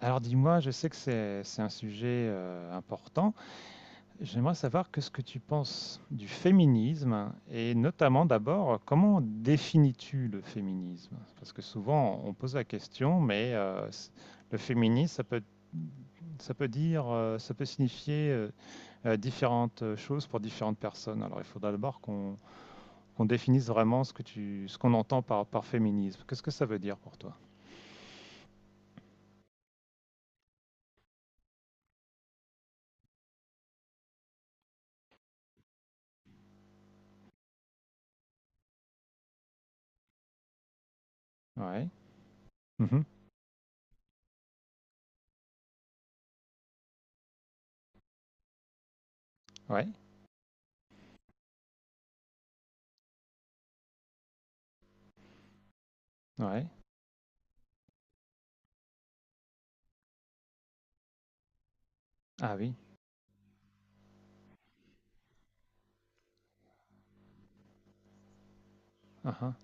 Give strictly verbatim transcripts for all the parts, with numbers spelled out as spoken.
Alors dis-moi, je sais que c'est c'est un sujet euh, important. J'aimerais savoir que ce que tu penses du féminisme et notamment d'abord, comment définis-tu le féminisme? Parce que souvent on pose la question, mais euh, c- le féminisme, ça peut, ça peut dire, euh, ça peut signifier euh, euh, différentes choses pour différentes personnes. Alors il faudra d'abord qu'on qu'on définisse vraiment ce que tu, ce qu'on entend par, par féminisme. Qu'est-ce que ça veut dire pour toi? Ouais. Mhm. Ouais. Ouais. Ah oui. Ah uhum.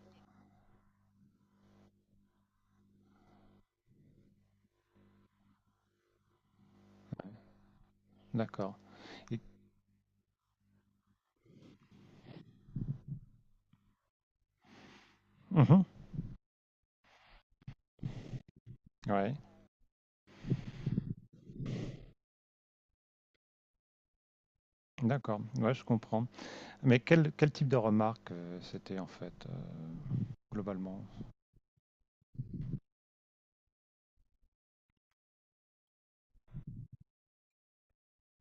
D'accord. Et mmh, ouais, d'accord, ouais, je comprends. Mais quel quel type de remarque, heu, c'était en fait, heu, globalement?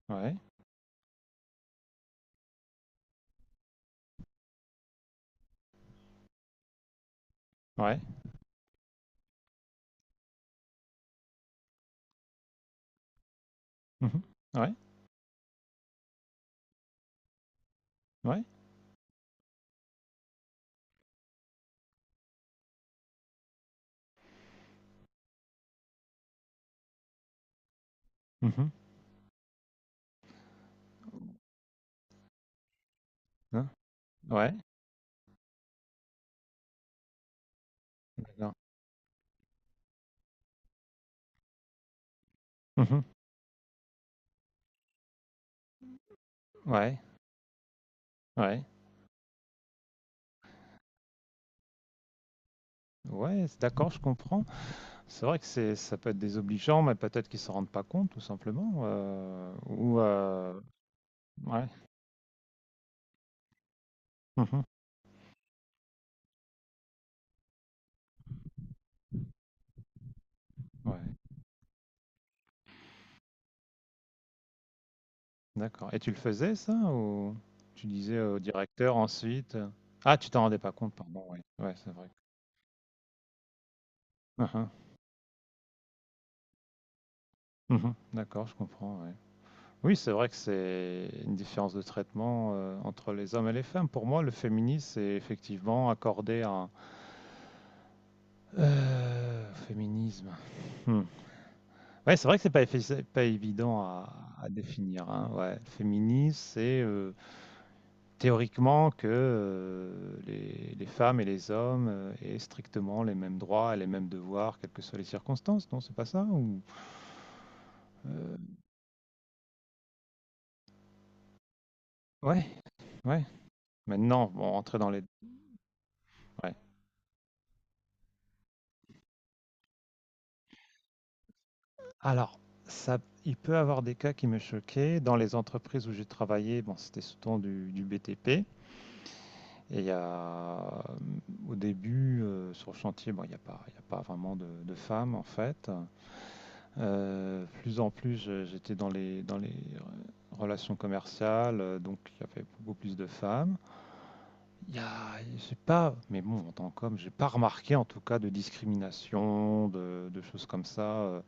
Ouais, ouais. Mmh mh. Ouais, ouais. Mmh. Hein? Ouais, d'accord. Mmh mh. Ouais, ouais. Ouais, c d'accord, je comprends. C'est vrai que c'est ça peut être désobligeant, mais peut-être qu'ils s'en rendent pas compte tout simplement, heu, ou heu, ouais. Mmh. Ouais. D'accord. Et tu le faisais ça ou tu disais au directeur ensuite? euh, Ah, tu t'en rendais pas compte, pardon, oui. Ouais, c'est vrai. Uhum, uhum, d'accord, je comprends, ouais. Oui, c'est vrai que c'est une différence de traitement euh, entre les hommes et les femmes. Pour moi, le féminisme, c'est effectivement accorder un euh, féminisme. Hmm. Ouais, c'est vrai que c'est pas, effi- pas évident à, à définir, hein. Ouais. Le féminisme, c'est euh, théoriquement que, heu, les les femmes et les hommes, heu, aient strictement les mêmes droits et les mêmes devoirs, quelles que soient les circonstances, non, c'est pas ça ou? Heu, ouais, ouais. Maintenant, bon, rentrer dans les, ouais. Alors, ça il peut avoir des cas qui me choquaient. Dans les entreprises où j'ai travaillé, bon, c'était surtout du du B T P et il y a, mmh, au début, heu, sur le chantier, bon, il y a pas il y a pas vraiment de de femmes, en fait. Euh, plus en plus, je- j'étais dans les, dans les euh, relations commerciales, euh, donc il y avait beaucoup plus de femmes. Il y a, j'ai pas, mais bon, en tant qu'homme, j'ai pas remarqué en tout cas de discrimination, de, de choses comme ça euh,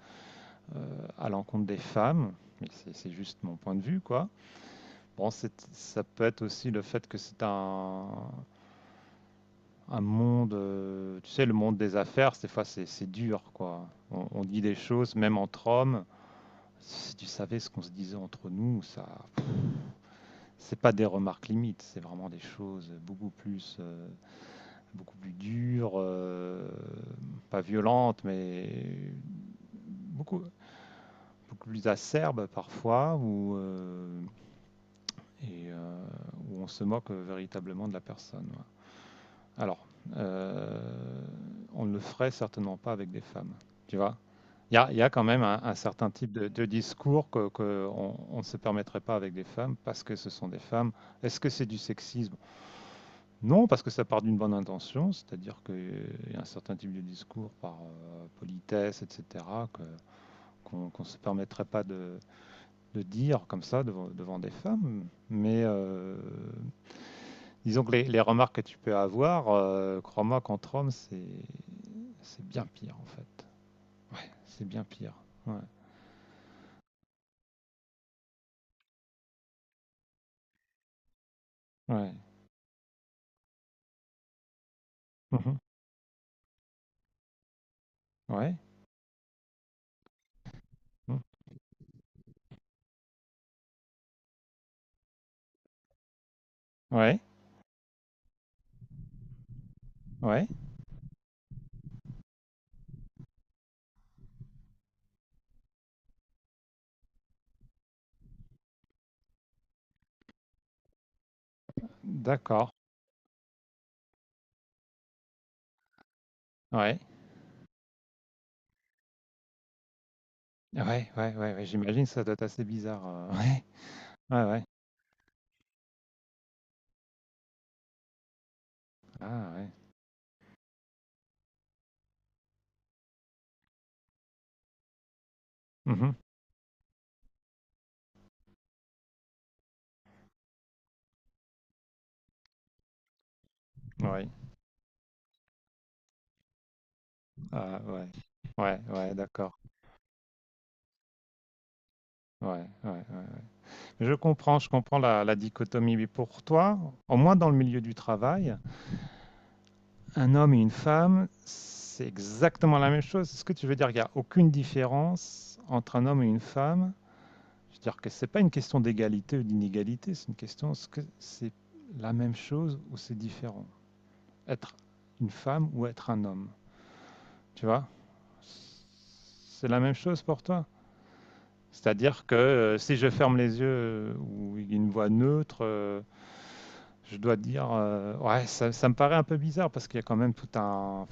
euh, à l'encontre des femmes. Mais c'est c'est juste mon point de vue, quoi. Bon, c'est- ça peut être aussi le fait que c'est un, un monde, euh, tu sais, le monde des affaires, des fois c'est c'est dur, quoi. On, on dit des choses, même entre hommes. Si tu savais ce qu'on se disait entre nous, ça, c'est pas des remarques limites, c'est vraiment des choses beaucoup plus, euh, beaucoup plus dures, euh, pas violentes, mais beaucoup, beaucoup plus acerbes parfois, où, euh, et, euh, où on se moque véritablement de la personne. Ouais. Alors, euh, on ne le ferait certainement pas avec des femmes, tu vois. Il y a, il y a quand même un, un certain type de, de discours que, que on, on ne se permettrait pas avec des femmes parce que ce sont des femmes. Est-ce que c'est du sexisme? Non, parce que ça part d'une bonne intention, c'est-à-dire qu'il y a un certain type de discours par euh, politesse, et cetera, que, qu'on qu'on ne se permettrait pas de, de dire comme ça devant, devant des femmes. Mais euh, disons que les, les remarques que tu peux avoir, euh, crois-moi, qu'entre hommes, c'est c'est bien pire en fait. Ouais, c'est bien pire. Ouais, ouais. Mhm. Ouais. Mmh. Ouais, ouais, d'accord. Ouais. Ouais, ouais, ouais, ouais, j'imagine que ça doit être assez bizarre, heu, ouais. Ouais, ouais. Ah ouais. Mhm. Ouais. Ah ouais. Ouais, ouais, d'accord. Ouais, ouais, ouais. Ouais. Je comprends, je comprends la la dichotomie. Mais pour toi, au moins dans le milieu du travail, un homme et une femme, c'est exactement la même chose? C'est ce que tu veux dire? Il y a aucune différence entre un homme et une femme. C'est-à-dire que c'est pas une question d'égalité ou d'inégalité, c'est une question est-ce que c'est la même chose ou c'est différent? Être une femme ou être un homme, tu vois? C'est la même chose pour toi? C'est-à-dire que euh, si je ferme les yeux euh, ou une voix neutre, euh, je dois dire euh, ouais, ça, ça me paraît un peu bizarre parce qu'il y a quand même tout un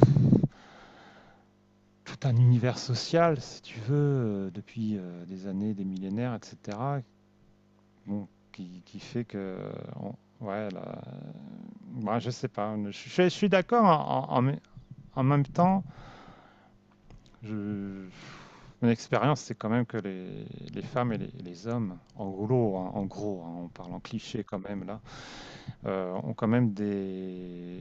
tout un univers social, si tu veux, euh, depuis euh, des années, des millénaires, et cetera Bon, qui, qui fait que. On- ouais, là, ouais, je sais pas. Je, je- je suis d'accord. En, en- en même temps, je- mon expérience, c'est quand même que les, les femmes et les, les hommes, en gros, hein, en gros hein, on parle en cliché quand même là, euh, ont quand même des.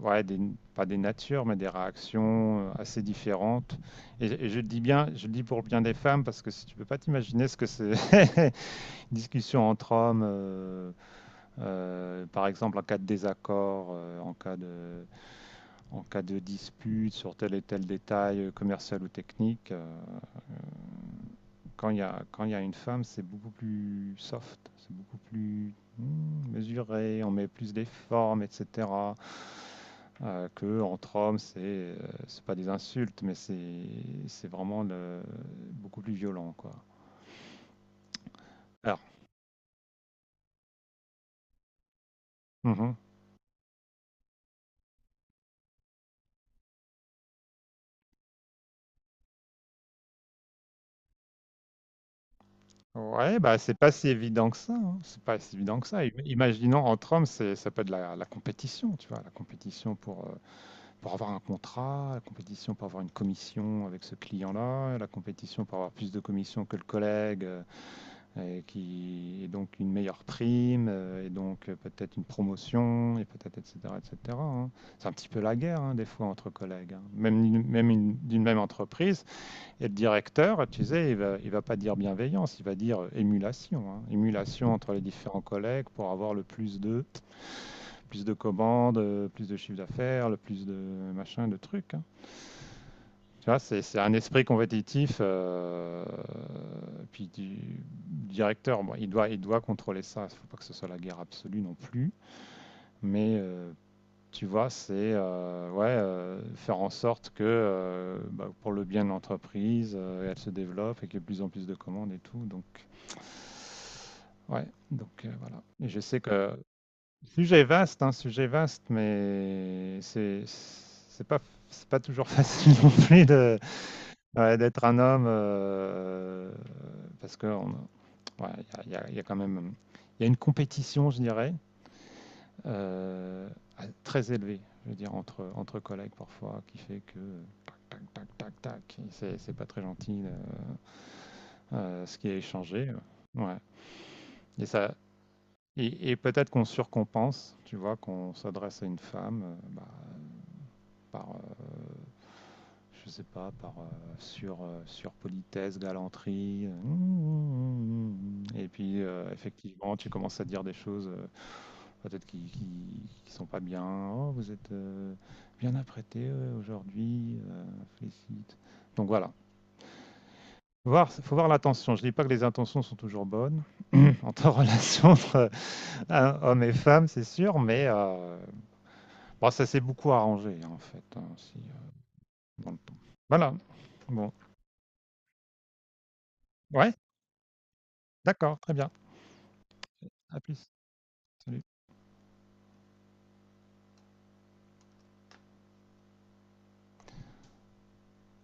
Ouais, des, pas des natures, mais des réactions euh, assez différentes. Et, et je le dis bien, je le dis pour le bien des femmes, parce que si tu peux pas t'imaginer ce que c'est, une discussion entre hommes. Euh, Euh, par exemple, en cas de désaccord, euh, en cas de, en cas de dispute sur tel et tel détail euh, commercial ou technique, euh, quand il y a, quand il y a une femme, c'est beaucoup plus soft, c'est beaucoup plus mesuré, on met plus des formes, et cetera. Euh, que entre hommes, c'est euh, c'est pas des insultes, mais c'est c'est vraiment le- beaucoup plus violent, quoi. Alors, mhm. Ouais, bah c'est pas si évident que ça, hein. C'est pas si évident que ça. Im- Imaginons entre hommes, c'est ça peut être la, la compétition, tu vois, la compétition pour euh, pour avoir un contrat, la compétition pour avoir une commission avec ce client-là, la compétition pour avoir plus de commissions que le collègue euh, et qui et donc une meilleure prime euh, et donc euh, peut-être une promotion et peut-être etc et cetera hein. C'est un petit peu la guerre hein, des fois entre collègues, hein. Même une- même une- d'une même entreprise, et le directeur, tu sais, il va, il va pas dire bienveillance, il va dire euh, émulation, hein. Émulation entre les différents collègues pour avoir le plus de, plus de commandes, euh, plus de chiffre d'affaires, le plus de machin, de trucs, hein. Tu vois, c'est c'est un esprit compétitif. Euh, puis du directeur, bon, il doit, il doit contrôler ça. Il ne faut pas que ce soit la guerre absolue non plus. Mais euh, tu vois, c'est euh, ouais, euh, faire en sorte que euh, bah, pour le bien de l'entreprise, euh, elle se développe et qu'il y ait de plus en plus de commandes et tout. Donc, ouais, donc euh, voilà. Et je sais que sujet vaste, hein, sujet vaste, mais c'est c'est pas c'est pas toujours facile non plus de, ouais, d'être un homme euh, parce que on- ouais, il y a, il y a- il y a quand même il y a une compétition, je dirais, euh, très élevé, je veux dire, entre, entre collègues parfois, qui fait que euh, tac, tac, tac, tac, tac, c'est c'est pas très gentil euh, euh, ce qui est échangé. Ouais. Et ça, et, et peut-être qu'on surcompense, tu vois, qu'on s'adresse à une femme euh, bah, par, euh, je sais pas, par euh, sur, euh, sur politesse, galanterie. euh, Mm, mm, mm. Et puis euh, effectivement, tu commences à dire des choses euh, peut-être qui, qui, qui sont pas bien. Oh, vous êtes euh, bien apprêté euh, aujourd'hui, euh, félicite. Donc voilà. Faut voir, faut voir l'intention. Je dis pas que les intentions sont toujours bonnes entre relations entre euh, hommes et femmes, c'est sûr, mais euh, bon, ça s'est beaucoup arrangé hein, en fait hein, aussi, euh, dans le temps. Voilà. Bon. Ouais. D'accord, très bien. À plus. Salut.